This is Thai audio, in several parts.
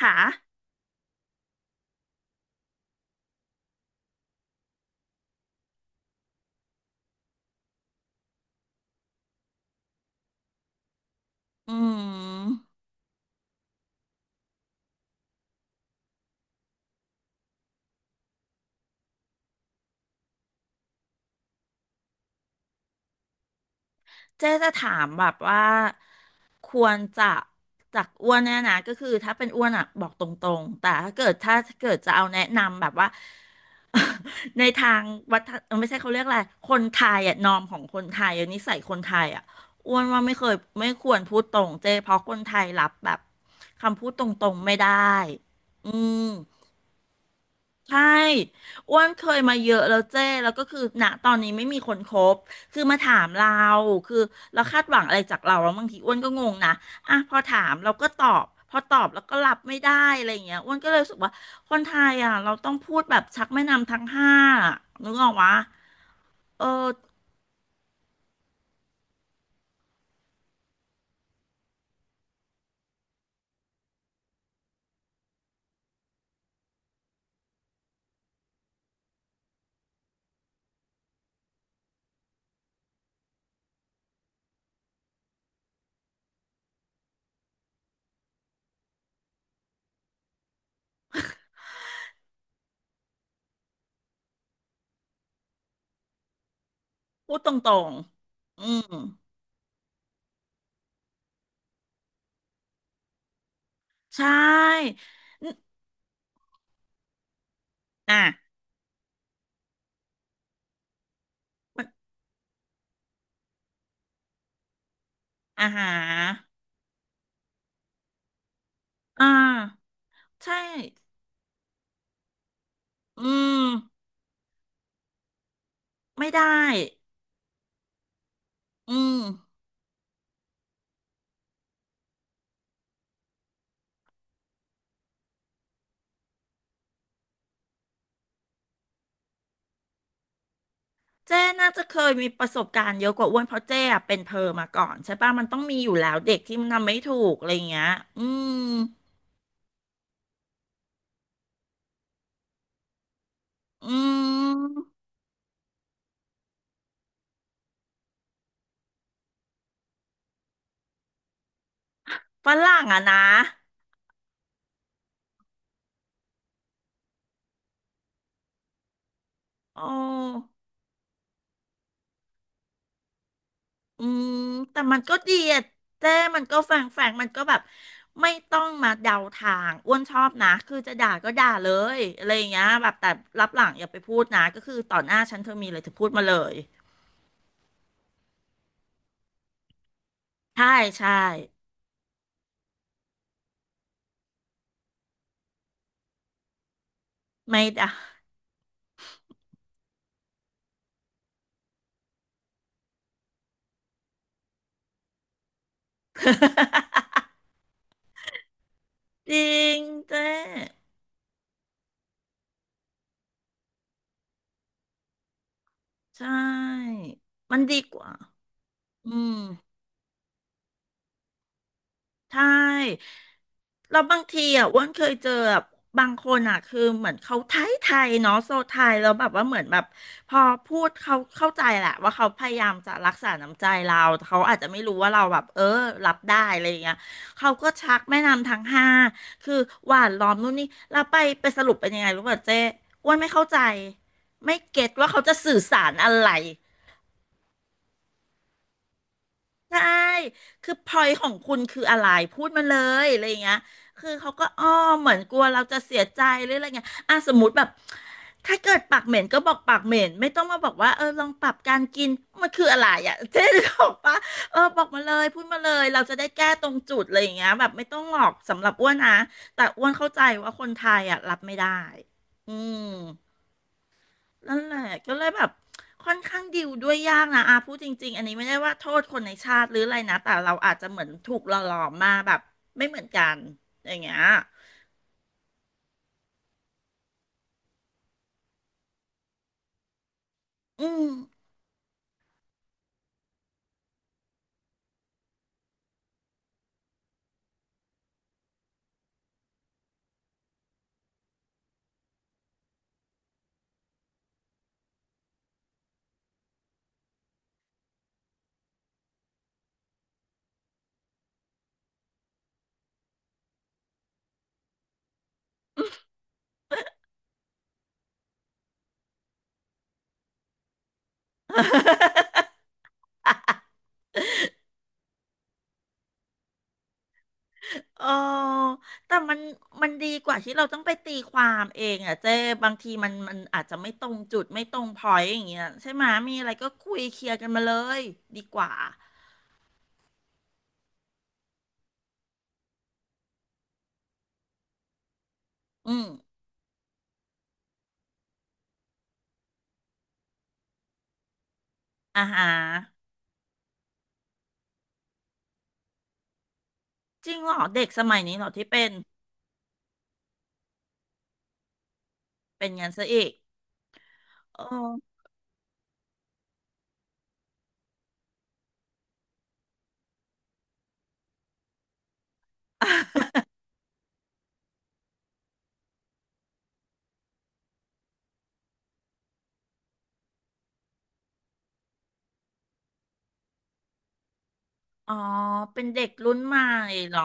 ค่ะอืมเจ๊จะถามแบบว่าควรจะจากอ้วนเนี่ยนะก็คือถ้าเป็นอ้วนอ่ะบอกตรงๆแต่ถ้าเกิดจะเอาแนะนำแบบว่า ในทางวัฒนเออไม่ใช่เขาเรียกอะไรคนไทยอ่ะนอมของคนไทยอะนิสัยคนไทยอ่ะอ้วนว่าไม่เคยไม่ควรพูดตรงเจ๊เพราะคนไทยรับแบบคำพูดตรงๆไม่ได้อืม ใช่อ้วนเคยมาเยอะแล้วเจ้แล้วก็คือณตอนนี้ไม่มีคนคบคือมาถามเราคือเราคาดหวังอะไรจากเราแล้วบางทีอ้วนก็งงนะอ่ะพอถามเราก็ตอบพอตอบแล้วก็รับไม่ได้อะไรอย่างเงี้ยอ้วนก็เลยรู้สึกว่าคนไทยอ่ะเราต้องพูดแบบชักแม่น้ำทั้งห้าอะนึกออกวะเออพูดตรงๆอืมใช่นอ่ะมันอ่าหาอ่าใช่ อืมไม่ได้อืม เจ้น่าจะเคยมีประสบการณ์เยอะกว่าอ้วนเพราะเจ้อะเป็นเพอมาก่อนใช่ปะมันต้องมีอยู่แล้วเด็กที่มันทำไม่ถูกอะไรอย่างเงี้ยอืมอืมฝรั่งอะนะโอ้อืมแต่มันก็ดีอะเจ้มันก็แฝงมันก็แบบไม่ต้องมาเดาทางอ้วนชอบนะคือจะด่าก็ด่าเลยอะไรอย่างเงี้ยแบบแต่รับหลังอย่าไปพูดนะก็คือต่อหน้าฉันเธอมีอะไรเธอพูดมาเลยใช่ใช่ไม่ด่า จริงเจ้ ใช่มันดีกว่าอืมใช่แล้วบางทีอ่ะอ้วนเคยเจอแบบบางคนอ่ะ คือเหมือนเขาไทยไทยเนาะโซไทยแล้วแบบว่าเหมือนแบบพอพูดเขาเข้าใจแหละว่าเขาพยายามจะรักษาน้ำใจเราแต่เขาอาจจะไม่รู้ว่าเราแบบเออรับได้อะไรอย่างเงี้ยเขาก็ชักแม่น้ำทั้งห้าคือหวานล้อมนู่นนี่แล้วไปไปสรุปเป็นยังไงรู้ป่ะเจ๊อ้วนไม่เข้าใจ ไม่เก็ตว่าเขาจะสื่อสารอะไร ใช่คือพอยของคุณคืออะไรพูดมาเลยอะไรอย่างเงี้ยคือเขาก็อ้อมเหมือนกลัวเราจะเสียใจหรืออะไรเงี้ยอ่ะสมมติแบบถ้าเกิดปากเหม็นก็บอกปากเหม็นไม่ต้องมาบอกว่าเออลองปรับการกินมันคืออะไรอ่ะเจ๊บอกปะเออบอกมาเลยพูดมาเลยเราจะได้แก้ตรงจุดอะไรอย่างเงี้ยแบบไม่ต้องหลอกสำหรับอ้วนนะแต่อ้วนเข้าใจว่าคนไทยอ่ะรับไม่ได้อืม นั่นแหละก็เลยแบบค่อนข้างดิวด้วยยากนะอาพูดจริงๆอันนี้ไม่ได้ว่าโทษคนในชาติหรืออะไรนะแต่เราอาจจะเหมือนถูกหล่อหลอมมาแบบไม่เหมือนกันอย่างเงี้ยอืม เออแต่มันดีกว่าที่เราต้องไปตีความเองอ่ะเจ้บางทีมันอาจจะไม่ตรงจุดไม่ตรงพอยต์อย่างเงี้ยใช่ไหมมีอะไรก็คุยเคลียร์กันมาเลยดีกว่าอืมอ่าฮะจริงเหรอเด็กสมัยนี้เหรอที่เป็นเป็นงั้นซะอีกเออ อ๋อเป็นเด็กรุ่นใหม่เหรอ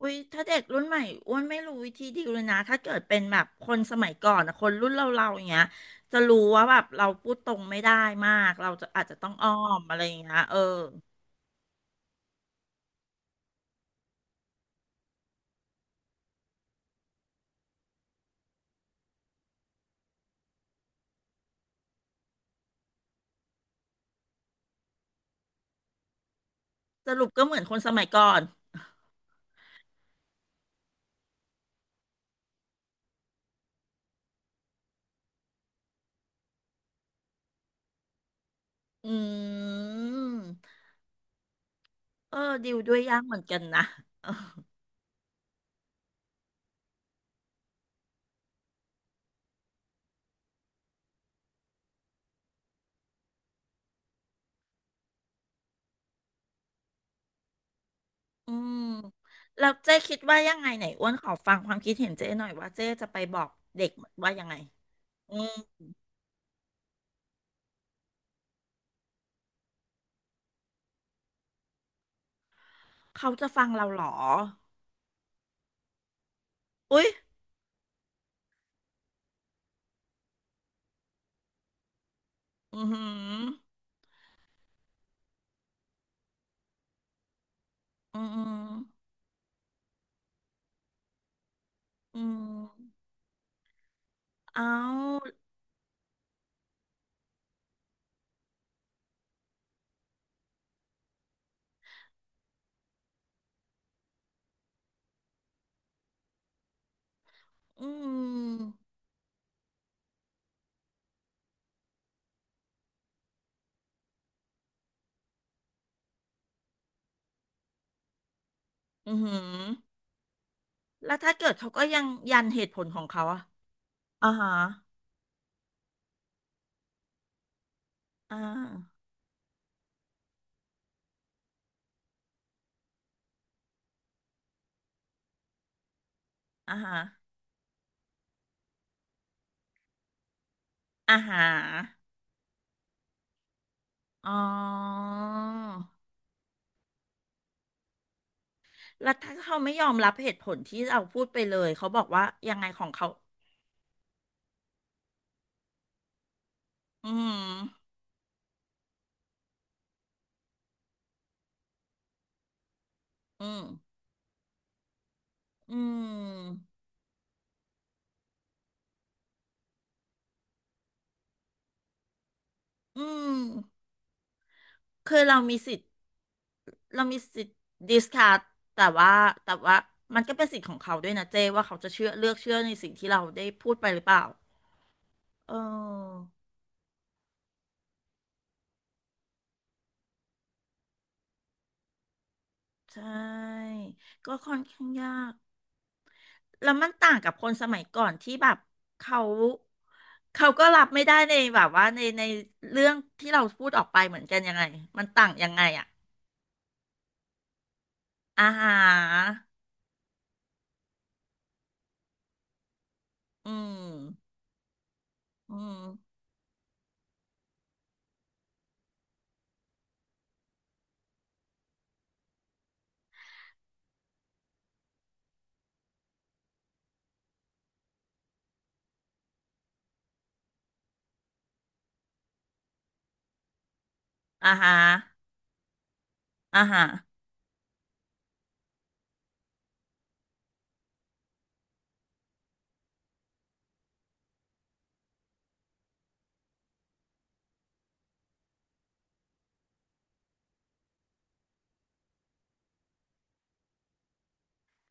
อุ้ยถ้าเด็กรุ่นใหม่อ้วนไม่รู้วิธีดีลเลยนะถ้าเกิดเป็นแบบคนสมัยก่อนนะคนรุ่นเราอย่างเงี้ยจะรู้ว่าแบบเราพูดตรงไม่ได้มากเราจะอาจจะต้องอ้อมอะไรอย่างเงี้ยเออสรุปก็เหมือนคนสมัยก่อนอืมเออดิวด้วยยากเหมือนกันนะเอออืมแล้วเจ๊คิดว่ายังไงไหนอ้วนขอฟังความคิดเห็นเจ๊หน่อยว่าเจ๊จะไปบอกเด็กว่ายังไงอืมเขาจะฟังเราเหรออุ๊ย อือหืออืมอือเอาอืมออือหือแล้วถ้าเกิดเขาก็ยังยันเหตุผลของเขาอะอ่าฮะอ่าอ่าฮะอ่าฮะอ๋อ แล้วถ้าเขาไม่ยอมรับเหตุผลที่เราพูดไปเลยเขาบอกว่ายังไงของเขา อืมอืมอืมอืม คือเรามีสิทธิ์เรามีสิทธิ์ดิสคัสแต่ว่าแต่ว่ามันก็เป็นสิทธิ์ของเขาด้วยนะเจ้ว่าเขาจะเชื่อเลือกเชื่อในสิ่งที่เราได้พูดไปหรือเปล่าเออใช่ก็ค่อนข้างยากแล้วมันต่างกับคนสมัยก่อนที่แบบเขาเขาก็รับไม่ได้ในแบบว่าในเรื่องที่เราพูดออกไปเหมือนกันยังไงมันต่างยังไงอะอาหารอืมอืมอาหารอาหาร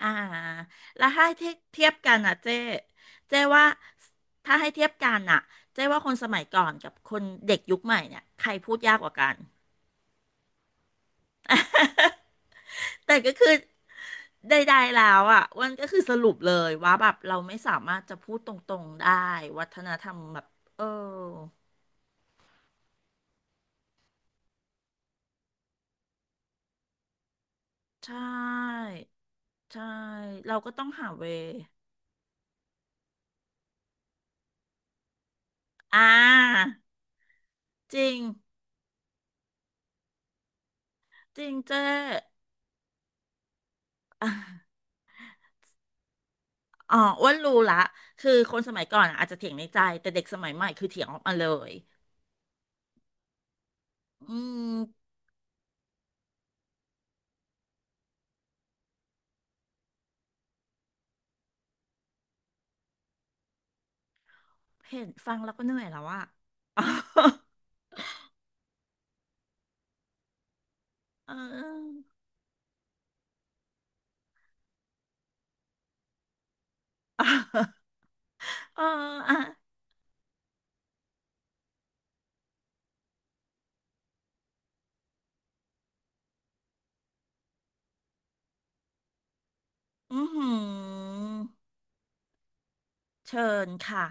อ่าแล้วถ้าให้เทียบกันอ่ะเจ๊ว่าถ้าให้เทียบกันอ่ะเจ๊ว่าคนสมัยก่อนกับคนเด็กยุคใหม่เนี่ยใครพูดยากกว่ากัน แต่ก็คือใดๆแล้วอ่ะอ้วันก็คือสรุปเลยว่าแบบเราไม่สามารถจะพูดตรงๆได้วัฒนธรรมแบบเออใช่ใช่เราก็ต้องหาเวอ่าจริงจริงเจ๊ อ๋ออ้วนรู้ละคือคนสมัยก่อนอะอาจจะเถียงในใจแต่เด็กสมัยใหม่คือเถียงออกมาเลยอืมเห็นฟังแล้วก็เหนื่อยแล้วอะ อ๋อเออเอออ่ะอือหือเชิญค่ะ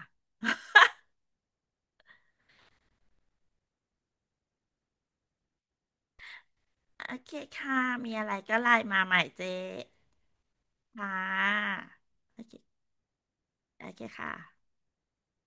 โอเคค่ะมีอะไรก็ไลน์มาใหม่เจ๊ค่ะโอเคโอเคค่ะ